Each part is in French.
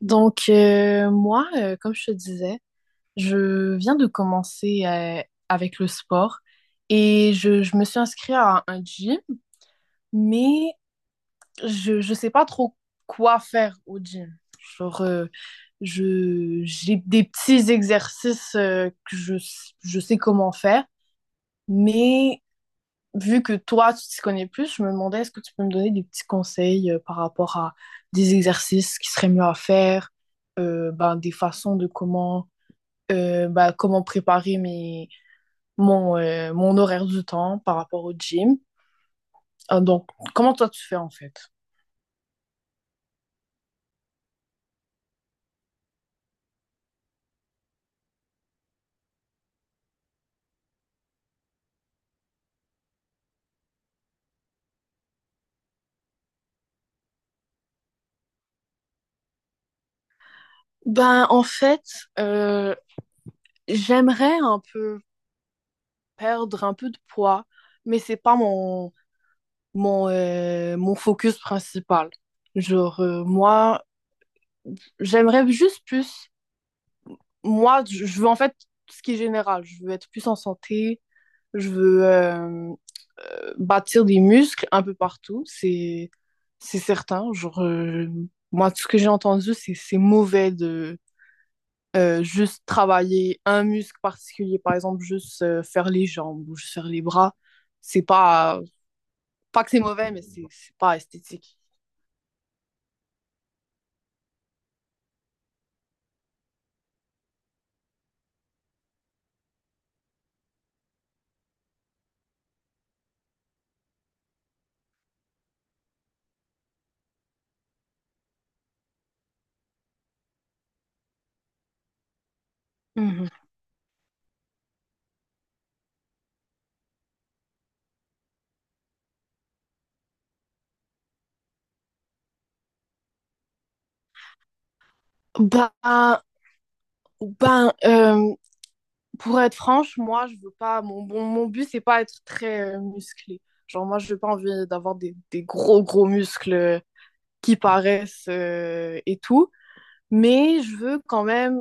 Moi, comme je te disais, je viens de commencer avec le sport et je me suis inscrite à un gym, mais je ne sais pas trop quoi faire au gym. Genre, euh, j'ai des petits exercices que je sais comment faire, mais vu que toi, tu t'y connais plus, je me demandais est-ce que tu peux me donner des petits conseils par rapport à des exercices qui seraient mieux à faire, ben, des façons de comment bah, comment préparer mon, mon horaire du temps par rapport au gym. Euh, donc, comment toi tu fais en fait? Ben, en fait, euh, j'aimerais un peu perdre un peu de poids, mais c'est pas mon, mon focus principal. Moi, j'aimerais juste plus. Moi, je veux en fait ce qui est général. Je veux être plus en santé, je veux bâtir des muscles un peu partout, c'est certain. Moi, tout ce que j'ai entendu, c'est mauvais de juste travailler un muscle particulier, par exemple, juste faire les jambes ou juste faire les bras. C'est pas que c'est mauvais, mais c'est pas esthétique. Mhm. Bah, ben, euh, pour être franche, moi, je veux pas. Mon but, c'est pas être très musclé. Moi, je veux pas envie d'avoir des gros, gros muscles qui paraissent et tout. Mais je veux quand même,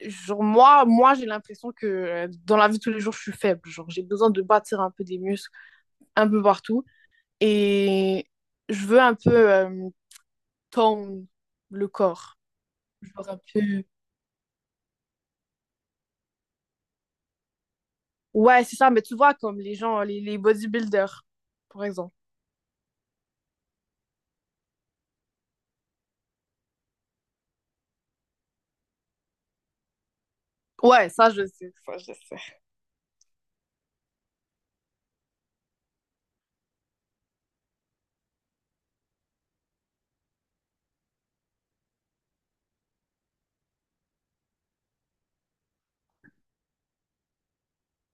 moi, moi j'ai l'impression que dans la vie de tous les jours, je suis faible. Genre, j'ai besoin de bâtir un peu des muscles un peu partout. Et je veux un peu tone le corps. Genre un peu. Ouais, c'est ça, mais tu vois, comme les gens, les bodybuilders, par exemple. Ouais, ça, je sais. Ça, je sais.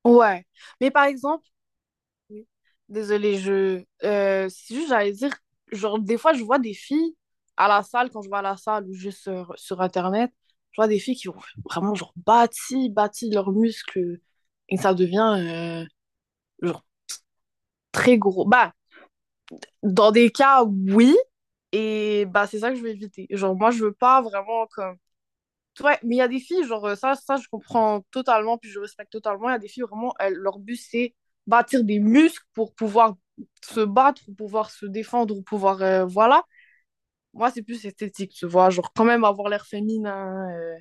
Ouais. Mais par exemple, oui. Désolée, je. C'est juste, j'allais dire, genre, des fois, je vois des filles à la salle, quand je vais à la salle ou juste sur Internet, je vois des filles qui ont vraiment, genre, bâti leurs muscles et ça devient, genre, très gros. Bah, dans des cas, oui, et bah, c'est ça que je veux éviter. Genre, moi, je veux pas vraiment, comme. Ouais, mais il y a des filles, je comprends totalement, puis je respecte totalement. Il y a des filles, vraiment, elles- leur but, c'est bâtir des muscles pour pouvoir se battre, pour pouvoir se défendre, pour pouvoir, voilà. Moi, c'est plus esthétique, tu vois, genre, quand même avoir l'air féminin.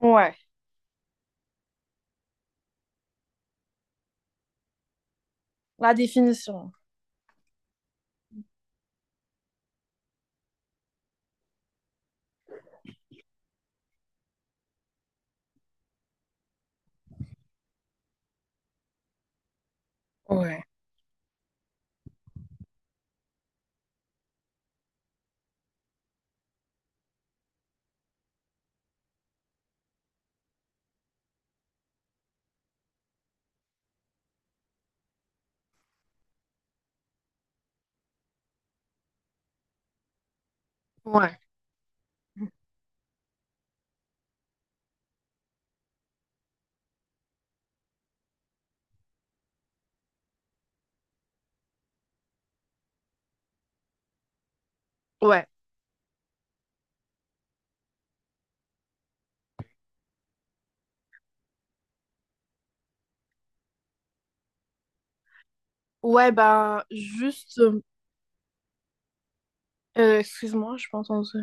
Ouais. La définition. Ouais. Ouais, ouais. Ouais, ben, excuse-moi, je pas entendu.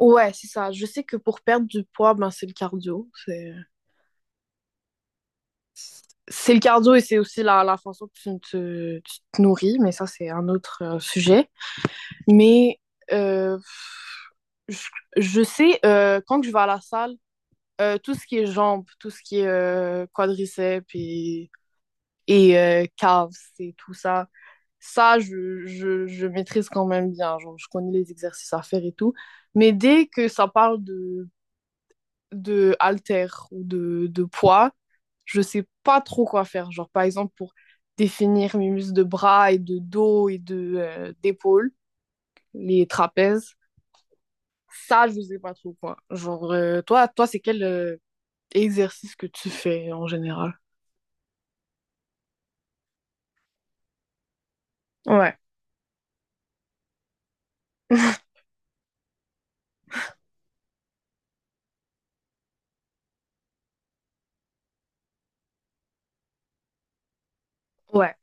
Ouais, c'est ça. Je sais que pour perdre du poids, ben, c'est le cardio. C'est le cardio et c'est aussi la façon que tu te nourris, mais ça, c'est un autre sujet. Mais euh, je, je sais, quand je vais à la salle, tout ce qui est jambes, tout ce qui est quadriceps et calves et tout ça, ça, je maîtrise quand même bien. Genre, je connais les exercices à faire et tout. Mais dès que ça parle de haltère ou de poids, je sais pas trop quoi faire. Genre, par exemple, pour définir mes muscles de bras et de dos et de d'épaule, les trapèzes, ça, je sais pas trop quoi. Toi, c'est quel exercice que tu fais en général? Ouais. Ouais,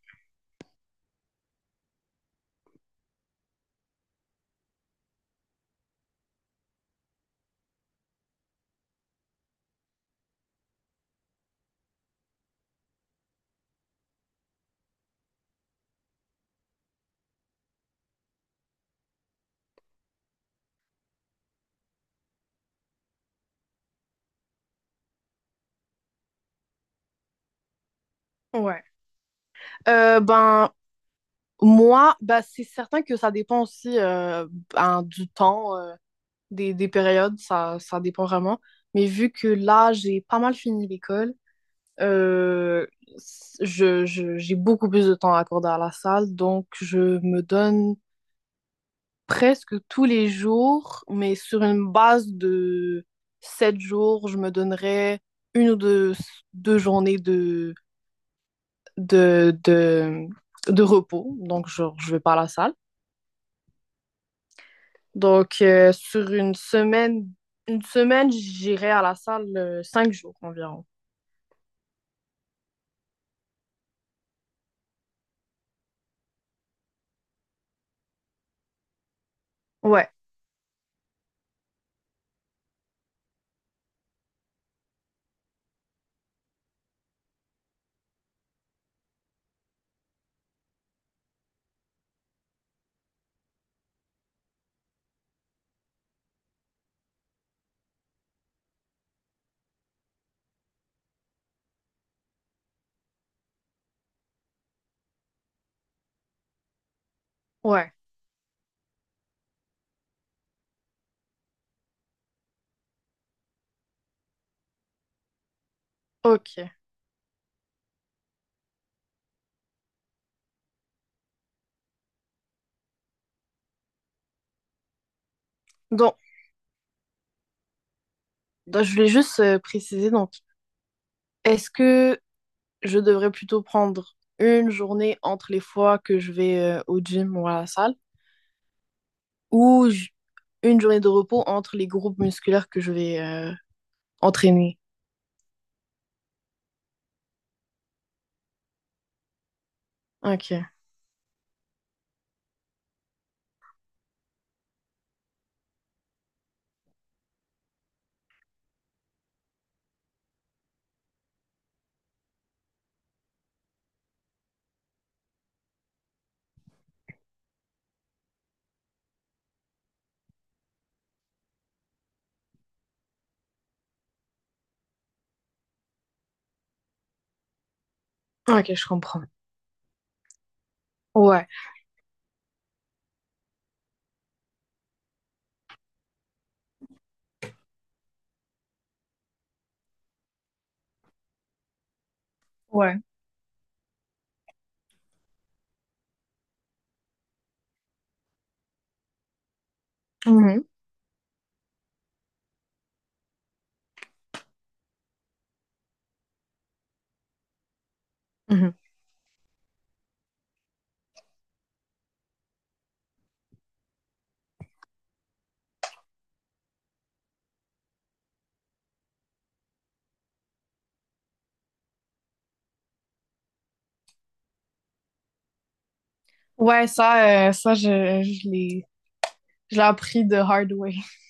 ouais. Ben, moi, ben, c'est certain que ça dépend aussi ben, du temps, des périodes, ça dépend vraiment. Mais vu que là, j'ai pas mal fini l'école, Euh, j'ai beaucoup plus de temps à accorder à la salle, donc je me donne presque tous les jours, mais sur une base de 7 jours, je me donnerais une ou deux, deux journées de, de, de repos, donc genre, je vais pas à la salle. Donc sur une semaine, j'irai à la salle 5 jours environ. Ouais, ouais, ok. Donc, donc, je voulais juste préciser, donc, est-ce que je devrais plutôt prendre une journée entre les fois que je vais au gym ou à la salle, ou une journée de repos entre les groupes musculaires que je vais entraîner. Ok, ok, je comprends. Ouais, ouais. Mhm, mhm. Ouais, ça, je l'ai, je l'ai appris de hard way.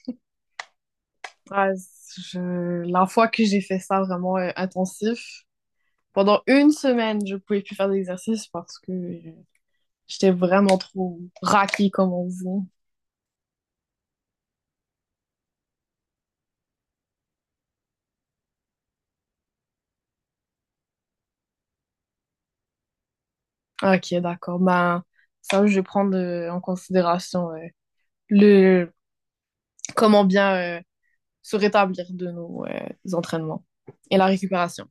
Ouais, je- la fois que j'ai fait ça vraiment intensif, pendant une semaine, je pouvais plus faire d'exercice parce que j'étais vraiment trop raquée, comme on dit. Ok, d'accord. Ben, ça, je vais prendre en considération ouais, le comment bien se rétablir de nos entraînements et la récupération.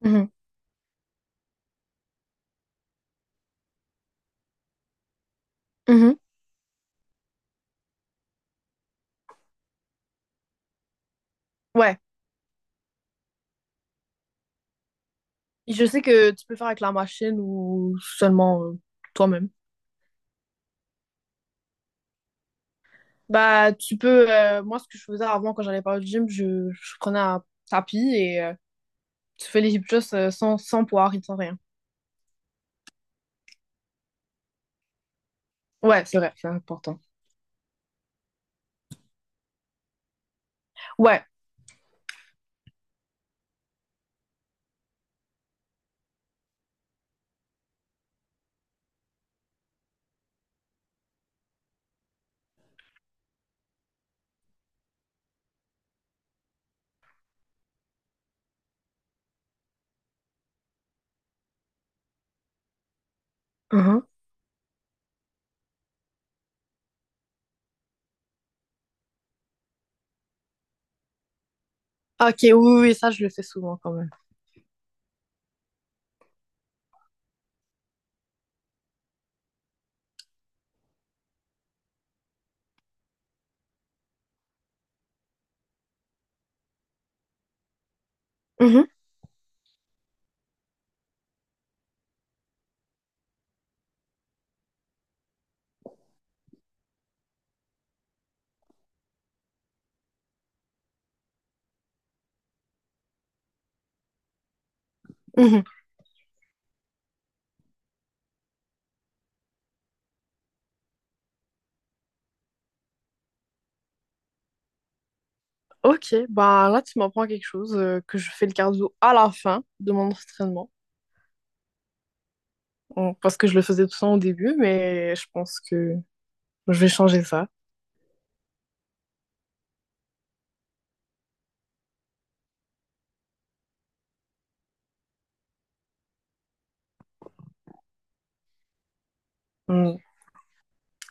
Mhm. Mhm. Ouais. Je sais que tu peux faire avec la machine ou seulement toi-même. Bah, tu peux. Moi, ce que je faisais avant quand j'allais pas au gym, je prenais un tapis et tu fais les hip thrusts sans poids, sans rien. Ouais, c'est vrai, c'est important. Ouais. Mhm. Ok, oui, ça, je le fais souvent quand même. Mhm, mhm. Ok, bah là tu m'apprends quelque chose, que je fais le cardio à la fin de mon entraînement. Bon, parce que je le faisais tout le temps au début, mais je pense que je vais changer ça. Mm.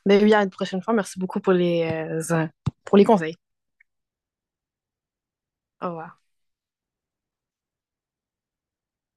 Ben oui, à une prochaine fois. Merci beaucoup euh, pour les conseils. Au revoir.